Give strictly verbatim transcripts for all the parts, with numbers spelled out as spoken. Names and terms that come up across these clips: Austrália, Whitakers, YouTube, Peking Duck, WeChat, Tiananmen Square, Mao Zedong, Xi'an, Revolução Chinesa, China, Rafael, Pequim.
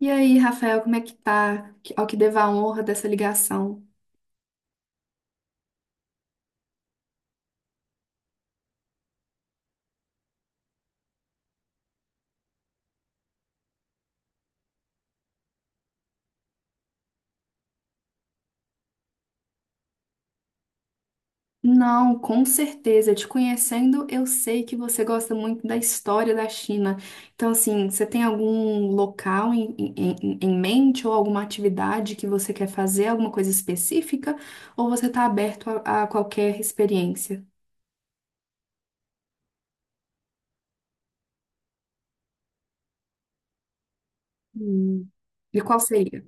E aí, Rafael, como é que tá? Que- Ao que devo a honra dessa ligação. Não, com certeza. Te conhecendo, eu sei que você gosta muito da história da China. Então, assim, você tem algum local em, em, em em mente ou alguma atividade que você quer fazer, alguma coisa específica? Ou você está aberto a, a qualquer experiência? Hum. E qual seria?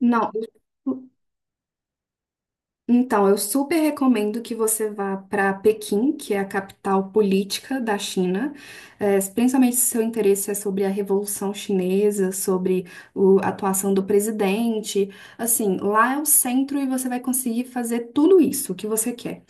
Não. Então, eu super recomendo que você vá para Pequim, que é a capital política da China, eh, principalmente se seu interesse é sobre a Revolução Chinesa, sobre o- a atuação do presidente. Assim, lá é o centro e você vai conseguir fazer tudo isso que você quer.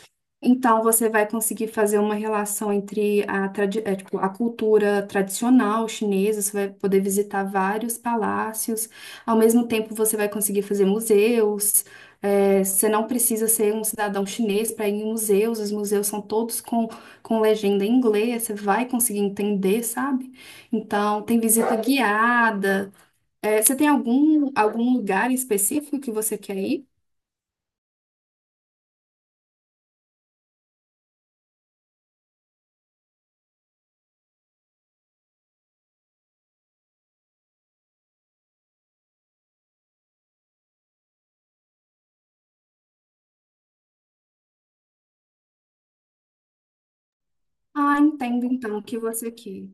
Então, você vai conseguir fazer uma relação entre a, tradi- é, tipo, a cultura tradicional chinesa, você vai poder visitar vários palácios, ao mesmo tempo você vai conseguir fazer museus. É, você não precisa ser um cidadão chinês para ir em museus, os museus são todos com, com legenda em inglês, você vai conseguir entender, sabe? Então, tem visita guiada. É, você tem algum, algum lugar específico que você quer ir? Ah, entendo então o que você quer.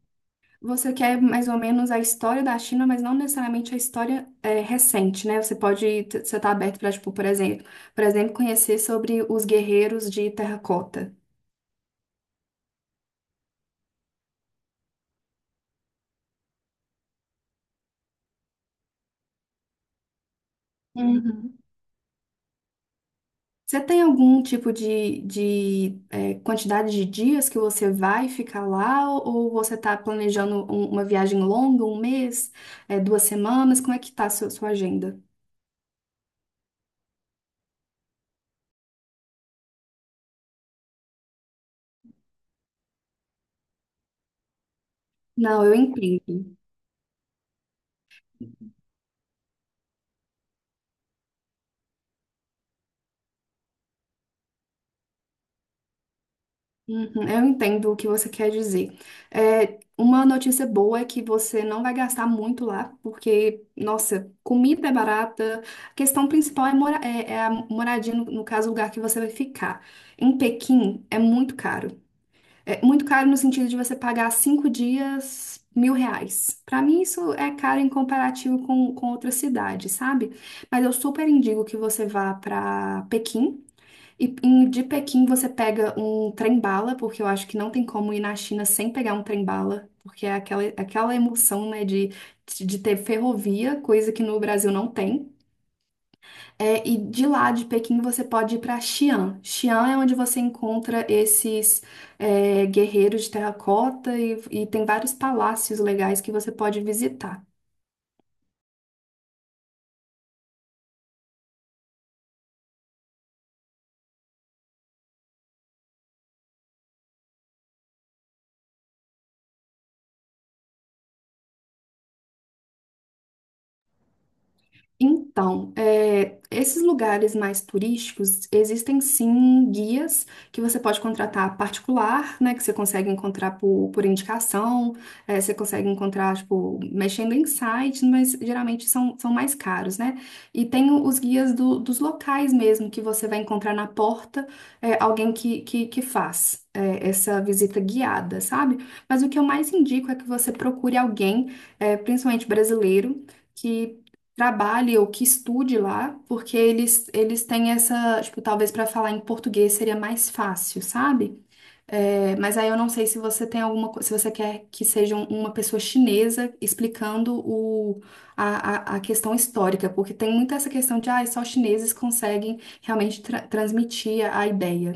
Você quer mais ou menos a história da China, mas não necessariamente a história é, recente, né? Você pode, t- você tá aberto para, tipo, por exemplo, por exemplo, conhecer sobre os guerreiros de terracota. Uhum. Você tem algum tipo de, de é, quantidade de dias que você vai ficar lá, ou, ou você está planejando um- uma viagem longa, um mês, é, duas semanas? Como é que tá a sua, sua agenda? Não, eu entendo. Uhum, eu entendo o que você quer dizer. É, uma notícia boa é que você não vai gastar muito lá, porque, nossa, comida é barata. A questão principal é, mora é, é a moradia, no, no caso, o lugar que você vai ficar. Em Pequim, é muito caro. É muito caro no sentido de você pagar cinco dias mil reais. Para mim, isso é caro em comparativo com, com outras cidades, sabe? Mas eu super indico que você vá para Pequim. E em- de Pequim você pega um trem-bala, porque eu acho que não tem como ir na China sem pegar um trem-bala, porque é aquela, aquela emoção, né, de, de ter ferrovia, coisa que no Brasil não tem. É, e de lá de Pequim você pode ir para Xi'an. Xi'an é onde você encontra esses é, guerreiros de terracota e, e tem vários palácios legais que você pode visitar. Então, é, esses lugares mais turísticos, existem sim guias que você pode contratar particular, né? Que você consegue encontrar por, por indicação. É, você consegue encontrar, tipo, mexendo em sites, mas geralmente são, são mais caros, né? E tem o- os guias do- dos locais mesmo, que você vai encontrar na porta, é, alguém que, que, que faz é, Essa visita guiada, sabe? Mas o que eu mais indico é que você procure alguém, é, principalmente brasileiro, que trabalhe ou que estude lá, porque eles, eles têm essa, tipo, talvez para falar em português seria mais fácil, sabe? É, mas aí eu não sei se você tem alguma, co- se você quer que seja um- uma pessoa chinesa explicando o, a, a, a questão histórica, porque tem muito essa questão de, ah, só chineses conseguem realmente tra- transmitir a a ideia.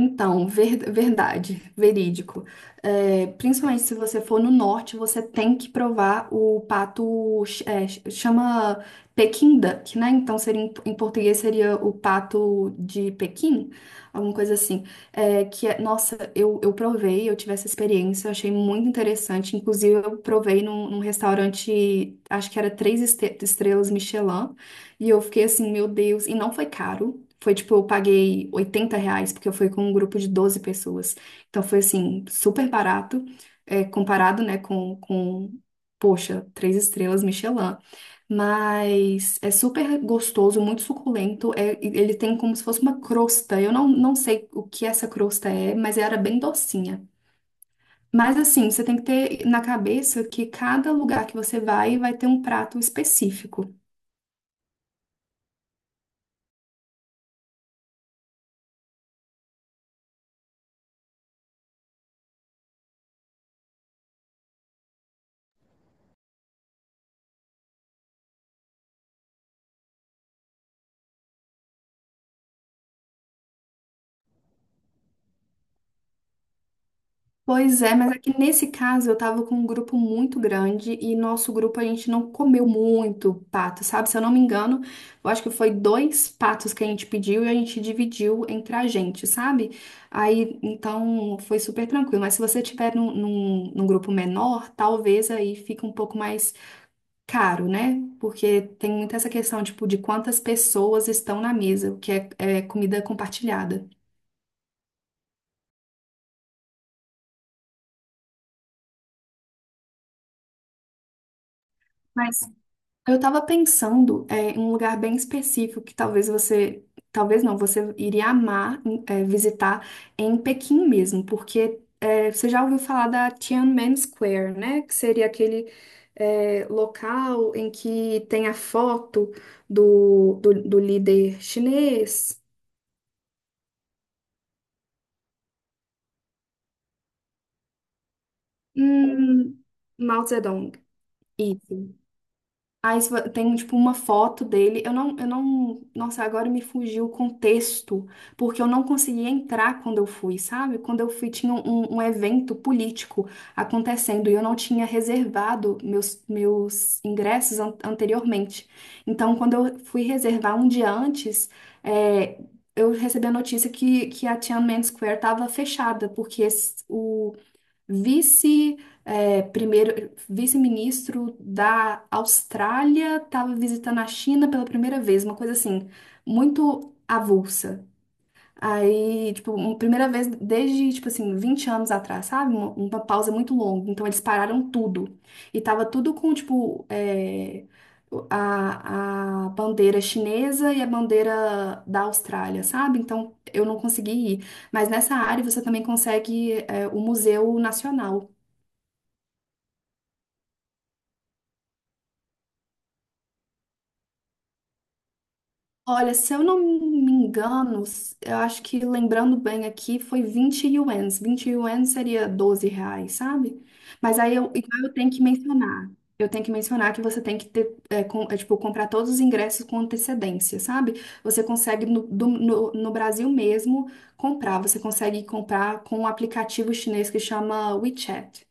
Então, ver- verdade, verídico. É, principalmente se você for no norte, você tem que provar o pato. É, chama Peking Duck, né? Então, seria, em em português seria o pato de Pequim, alguma coisa assim. É, que é, nossa, eu, eu provei, eu tive essa experiência, eu achei muito interessante. Inclusive, eu provei num, num restaurante, acho que era três este- estrelas Michelin. E eu fiquei assim, meu Deus. E não foi caro. Foi tipo, eu paguei oitenta reais, porque eu fui com um grupo de doze pessoas. Então foi assim, super barato, é, comparado, né, com, com, poxa, três estrelas Michelin. Mas é super gostoso, muito suculento. É, e ele tem como se fosse uma crosta. Eu não, não sei o que essa crosta é, mas era bem docinha. Mas assim, você tem que ter na cabeça que cada lugar que você vai vai ter um prato específico. Pois é, mas aqui nesse caso eu tava com um grupo muito grande e nosso grupo a gente não comeu muito pato, sabe? Se eu não me engano, eu acho que foi dois patos que a gente pediu e a gente dividiu entre a gente, sabe? Aí então foi super tranquilo. Mas se você tiver num, num, num grupo menor, talvez aí fique um pouco mais caro, né? Porque tem muito essa questão, tipo, de quantas pessoas estão na mesa, o que é é comida compartilhada. Mas eu estava pensando é, em um lugar bem específico que talvez você, talvez não, você iria amar em- é, visitar em Pequim mesmo, porque é, você já ouviu falar da Tiananmen Square, né? Que seria aquele é, local em que tem a foto do, do, do líder chinês, hum, Mao Zedong. Isso. Aí se vo- tem, tipo, uma foto dele. Eu não, eu não. Nossa, agora me fugiu o contexto, porque eu não consegui entrar quando eu fui, sabe? Quando eu fui, tinha um, um evento político acontecendo e eu não tinha reservado meus, meus ingressos an- anteriormente. Então, quando eu fui reservar um dia antes, é, eu recebi a notícia que, que a Tiananmen Square estava fechada, porque esse- o vice, eh, primeiro, vice-ministro da Austrália estava visitando a China pela primeira vez, uma coisa assim, muito avulsa. Aí, tipo, uma primeira vez desde, tipo assim, vinte anos atrás, sabe? Uma, uma pausa muito longa. Então, eles pararam tudo. E tava tudo com, tipo, eh, a, a bandeira chinesa e a bandeira da Austrália, sabe? Então, eu não consegui ir. Mas nessa área você também consegue é, o Museu Nacional. Olha, se eu não me engano, s- eu acho que lembrando bem aqui, foi vinte ienes. Vinte ienes seria doze reais, sabe? Mas aí eu, igual eu tenho que mencionar. Eu tenho que mencionar que você tem que ter, é, com- é, tipo, comprar todos os ingressos com antecedência, sabe? Você consegue no, do- no, no Brasil mesmo comprar. Você consegue comprar com um aplicativo chinês que chama WeChat.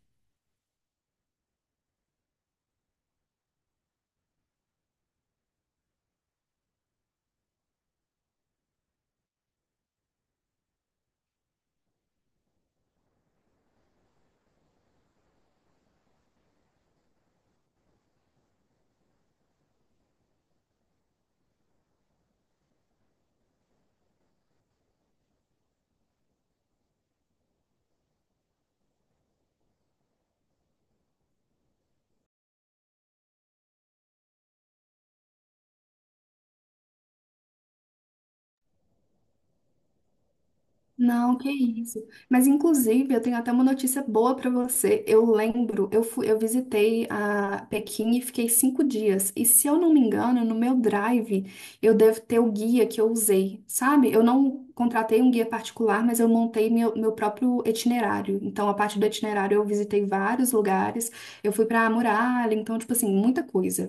Não, que isso. Mas inclusive, eu tenho até uma notícia boa para você. Eu lembro, eu fui, eu visitei a Pequim e fiquei cinco dias. E se eu não me engano, no meu Drive, eu devo ter o guia que eu usei, sabe? Eu não contratei um guia particular, mas eu montei meu, meu próprio itinerário. Então, a partir do itinerário, eu visitei vários lugares. Eu fui para a muralha, então, tipo assim, muita coisa.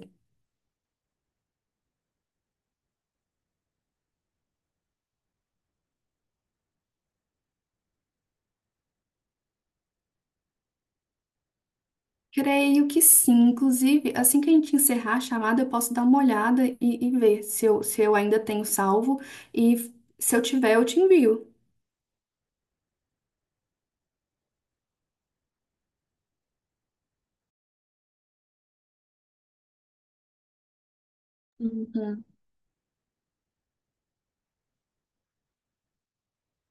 Creio que sim. Inclusive, assim que a gente encerrar a chamada, eu posso dar uma olhada e, e ver se eu, se eu ainda tenho salvo. E se eu tiver, eu te envio. Uhum.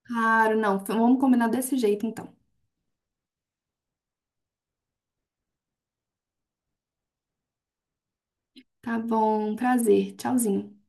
Claro, não. Vamos combinar desse jeito, então. Tá bom, prazer. Tchauzinho.